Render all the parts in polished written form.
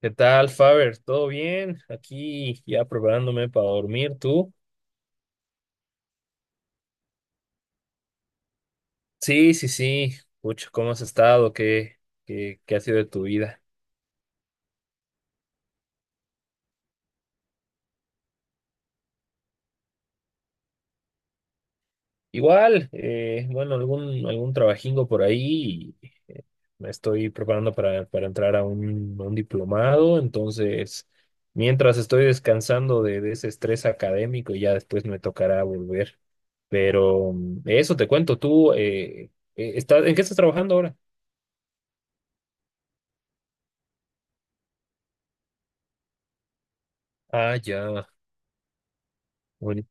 ¿Qué tal, Faber? ¿Todo bien? Aquí ya preparándome para dormir, ¿tú? Sí, sí, sí. Pucha, ¿cómo has estado? ¿Qué ha sido de tu vida? Igual, bueno, algún trabajingo por ahí. Y, me estoy preparando para entrar a un diplomado, entonces, mientras estoy descansando de ese estrés académico, ya después me tocará volver. Pero eso te cuento. Tú, ¿en qué estás trabajando ahora? Ah, ya. Bueno.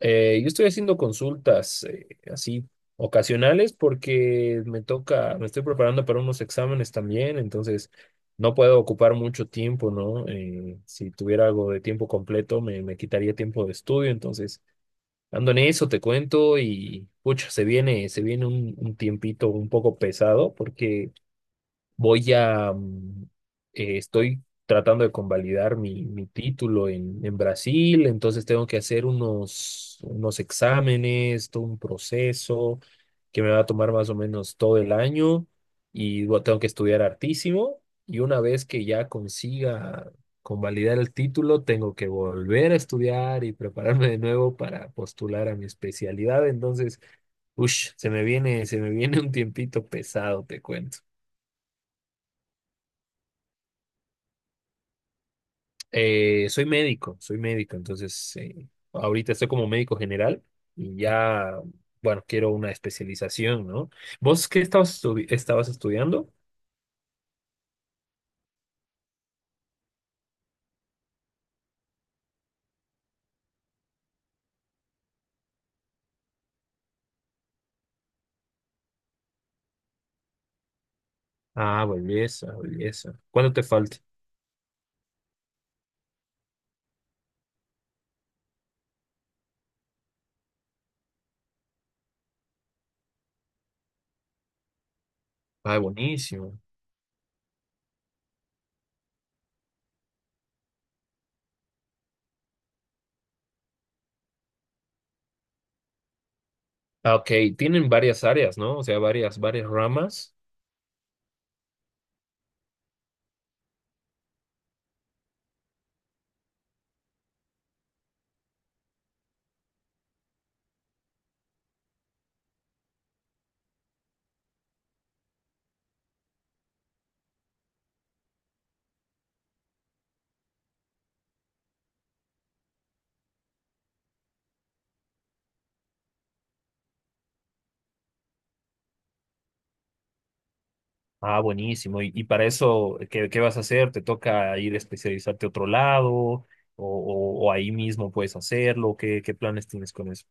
Yo estoy haciendo consultas así ocasionales porque me toca, me estoy preparando para unos exámenes también, entonces no puedo ocupar mucho tiempo, ¿no? Si tuviera algo de tiempo completo me quitaría tiempo de estudio, entonces ando en eso, te cuento. Y pucha, se viene un tiempito un poco pesado porque voy a, estoy tratando de convalidar mi título en Brasil, entonces tengo que hacer unos exámenes, todo un proceso que me va a tomar más o menos todo el año. Y bueno, tengo que estudiar hartísimo y una vez que ya consiga convalidar el título, tengo que volver a estudiar y prepararme de nuevo para postular a mi especialidad, entonces, ush, se me viene un tiempito pesado, te cuento. Soy médico, entonces ahorita estoy como médico general y ya, bueno, quiero una especialización, ¿no? ¿Vos qué estabas estudiando? Ah, belleza, belleza. ¿Cuánto te falta? Ah, buenísimo. Ah, ok, tienen varias áreas, ¿no? O sea, varias ramas. Ah, buenísimo. Y para eso qué vas a hacer? ¿Te toca ir a especializarte a otro lado? ¿O, o ahí mismo puedes hacerlo? ¿Qué planes tienes con eso?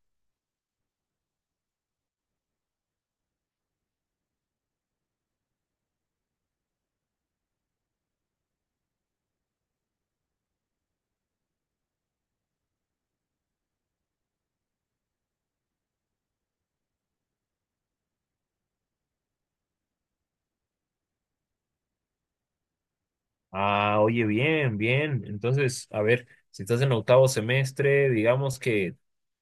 Ah, oye, bien, bien. Entonces, a ver, si estás en octavo semestre, digamos que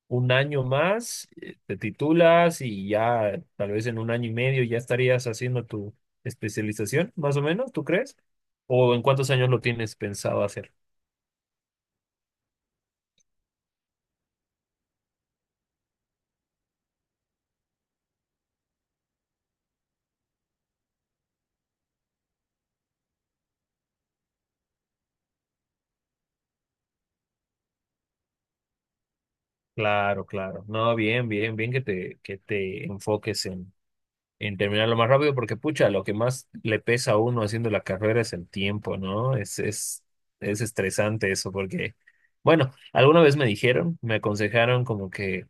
un año más, te titulas y ya tal vez en un año y medio ya estarías haciendo tu especialización, más o menos, ¿tú crees? ¿O en cuántos años lo tienes pensado hacer? Claro, claro. No, bien, bien, bien que te enfoques en terminarlo más rápido, porque pucha, lo que más le pesa a uno haciendo la carrera es el tiempo, ¿no? Es estresante eso, porque, bueno, alguna vez me dijeron, me aconsejaron como que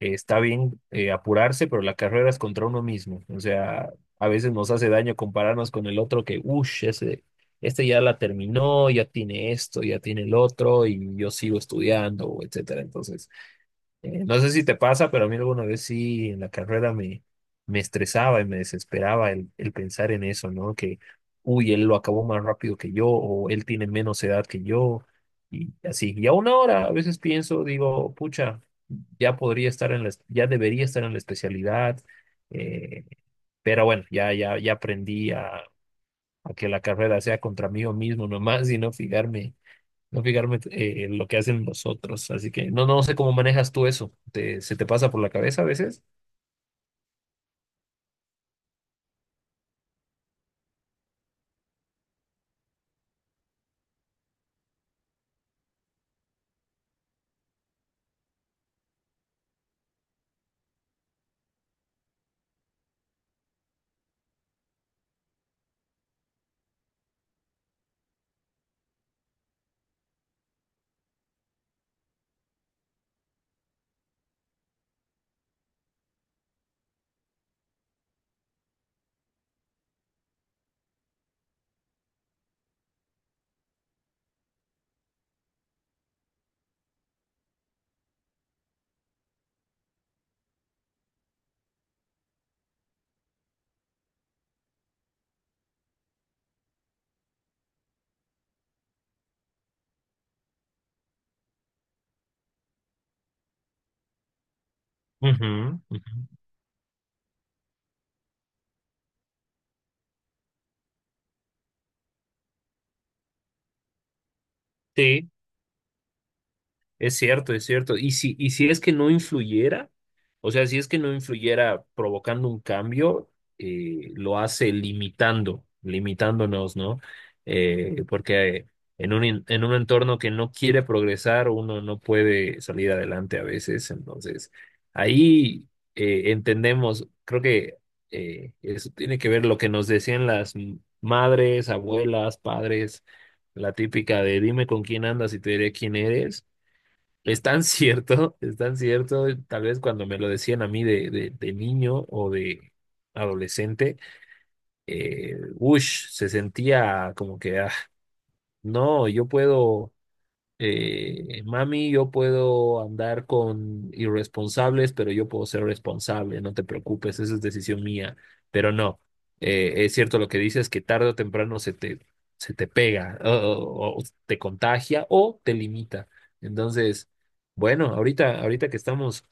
está bien apurarse, pero la carrera es contra uno mismo, o sea, a veces nos hace daño compararnos con el otro que, uff, este ya la terminó, ya tiene esto, ya tiene el otro, y yo sigo estudiando, etcétera, entonces. No sé si te pasa, pero a mí alguna vez sí en la carrera me estresaba y me desesperaba el pensar en eso, ¿no? Que, uy, él lo acabó más rápido que yo o él tiene menos edad que yo y así. Y aún ahora a veces pienso, digo, pucha, ya podría estar en ya debería estar en la especialidad, eh, pero bueno, ya aprendí a que la carrera sea contra mí mismo nomás y no fijarme en lo que hacen los otros. Así que no, no sé cómo manejas tú eso. ¿Se te pasa por la cabeza a veces? Ujú, ujú. Sí, es cierto, es cierto. Y si es que no influyera. O sea, si es que no influyera provocando un cambio, lo hace limitando, limitándonos, ¿no? Porque en un, en un entorno que no quiere progresar, uno no puede salir adelante a veces. Entonces, ahí entendemos, creo que eso tiene que ver lo que nos decían las madres, abuelas, padres, la típica de dime con quién andas y te diré quién eres es tan cierto, tal vez cuando me lo decían a mí de niño o de adolescente, ush, se sentía como que, ah, no, yo puedo mami, yo puedo andar con irresponsables, pero yo puedo ser responsable, no te preocupes, esa es decisión mía. Pero no, es cierto lo que dices, que tarde o temprano se te pega o, o te contagia o te limita. Entonces, bueno, ahorita que estamos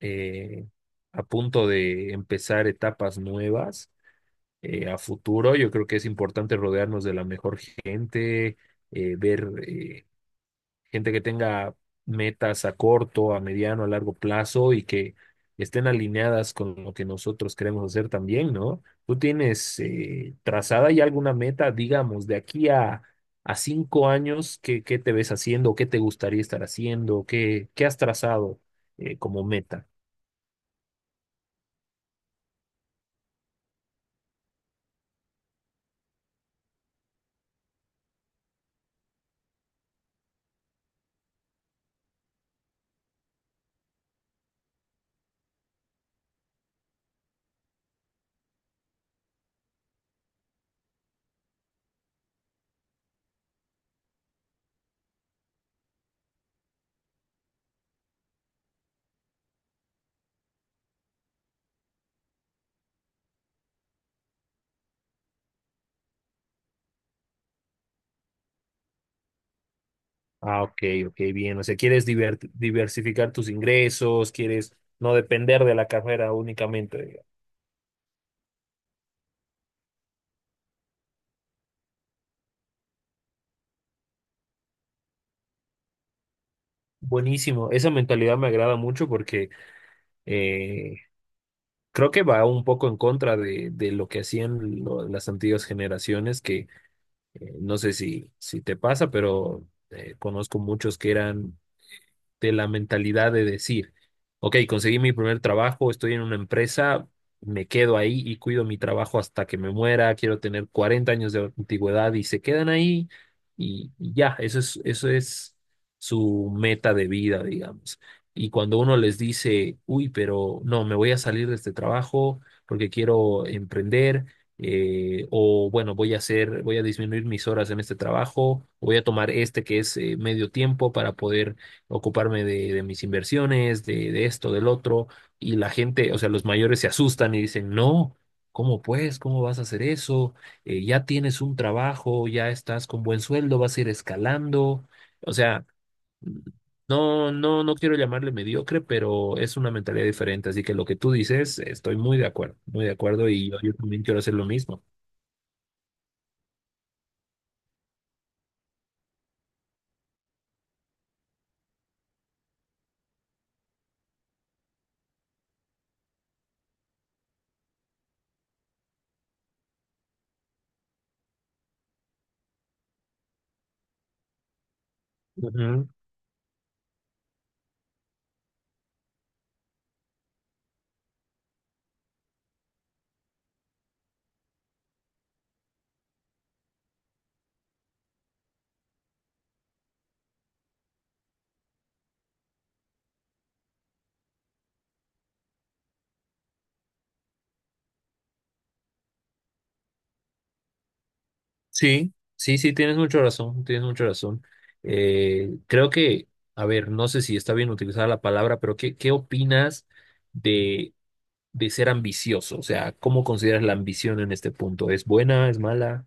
eh, a punto de empezar etapas nuevas a futuro, yo creo que es importante rodearnos de la mejor gente, ver gente que tenga metas a corto, a mediano, a largo plazo y que estén alineadas con lo que nosotros queremos hacer también, ¿no? ¿Tú tienes trazada ya alguna meta, digamos, a cinco años, qué te ves haciendo, qué te gustaría estar haciendo, qué has trazado como meta? Ah, ok, ok, bien. O sea, quieres diversificar tus ingresos, quieres no depender de la carrera únicamente, digamos. Buenísimo. Esa mentalidad me agrada mucho porque eh, creo que va un poco en contra de lo que hacían las antiguas generaciones, que no sé si, si te pasa, pero conozco muchos que eran de la mentalidad de decir, ok, conseguí mi primer trabajo, estoy en una empresa, me quedo ahí y cuido mi trabajo hasta que me muera, quiero tener 40 años de antigüedad y se quedan ahí y ya, eso es su meta de vida, digamos. Y cuando uno les dice, uy, pero no, me voy a salir de este trabajo porque quiero emprender, o bueno, voy a disminuir mis horas en este trabajo, voy a tomar este que es medio tiempo para poder ocuparme de mis inversiones, de esto, del otro, y la gente, o sea, los mayores se asustan y dicen, no, ¿cómo pues? ¿Cómo vas a hacer eso? Ya tienes un trabajo, ya estás con buen sueldo, vas a ir escalando, o sea... No, no, no quiero llamarle mediocre, pero es una mentalidad diferente. Así que lo que tú dices, estoy muy de acuerdo y yo también quiero hacer lo mismo. Ujú. Sí, sí, sí, tienes mucha razón, tienes mucha razón. Creo que, a ver, no sé si está bien utilizar la palabra, pero ¿qué opinas de, de ser ambicioso? O sea, ¿cómo consideras la ambición en este punto? ¿Es buena, es mala?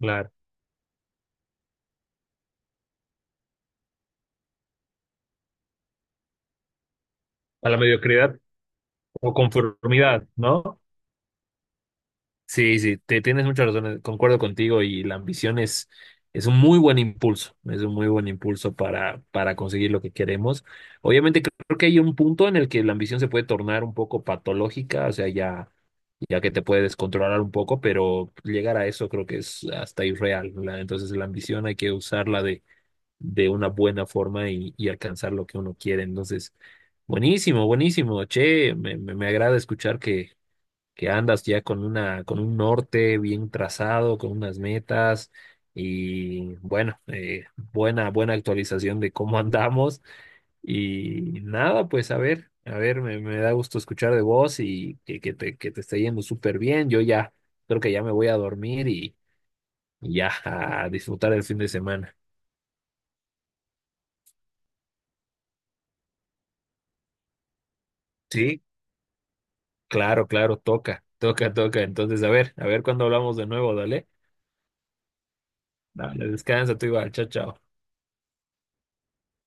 Claro. A la mediocridad o conformidad, ¿no? Sí, sí, te tienes mucha razón, concuerdo contigo y la ambición es un muy buen impulso, es un muy buen impulso para conseguir lo que queremos. Obviamente creo que hay un punto en el que la ambición se puede tornar un poco patológica, o sea, ya, ya que te puede descontrolar un poco, pero llegar a eso creo que es hasta irreal, ¿verdad? Entonces la ambición hay que usarla de una buena forma y alcanzar lo que uno quiere. Entonces, buenísimo, buenísimo, che, me agrada escuchar que andas ya con una, con un norte bien trazado, con unas metas y bueno, buena, buena actualización de cómo andamos. Y nada, pues a ver, me da gusto escuchar de vos y que, que te esté yendo súper bien. Yo ya creo que ya me voy a dormir y ya a disfrutar el fin de semana. Sí, claro, claro, toca, toca, toca. Entonces, a ver cuándo hablamos de nuevo, dale. Dale. Descansa, tú igual, chao, chao.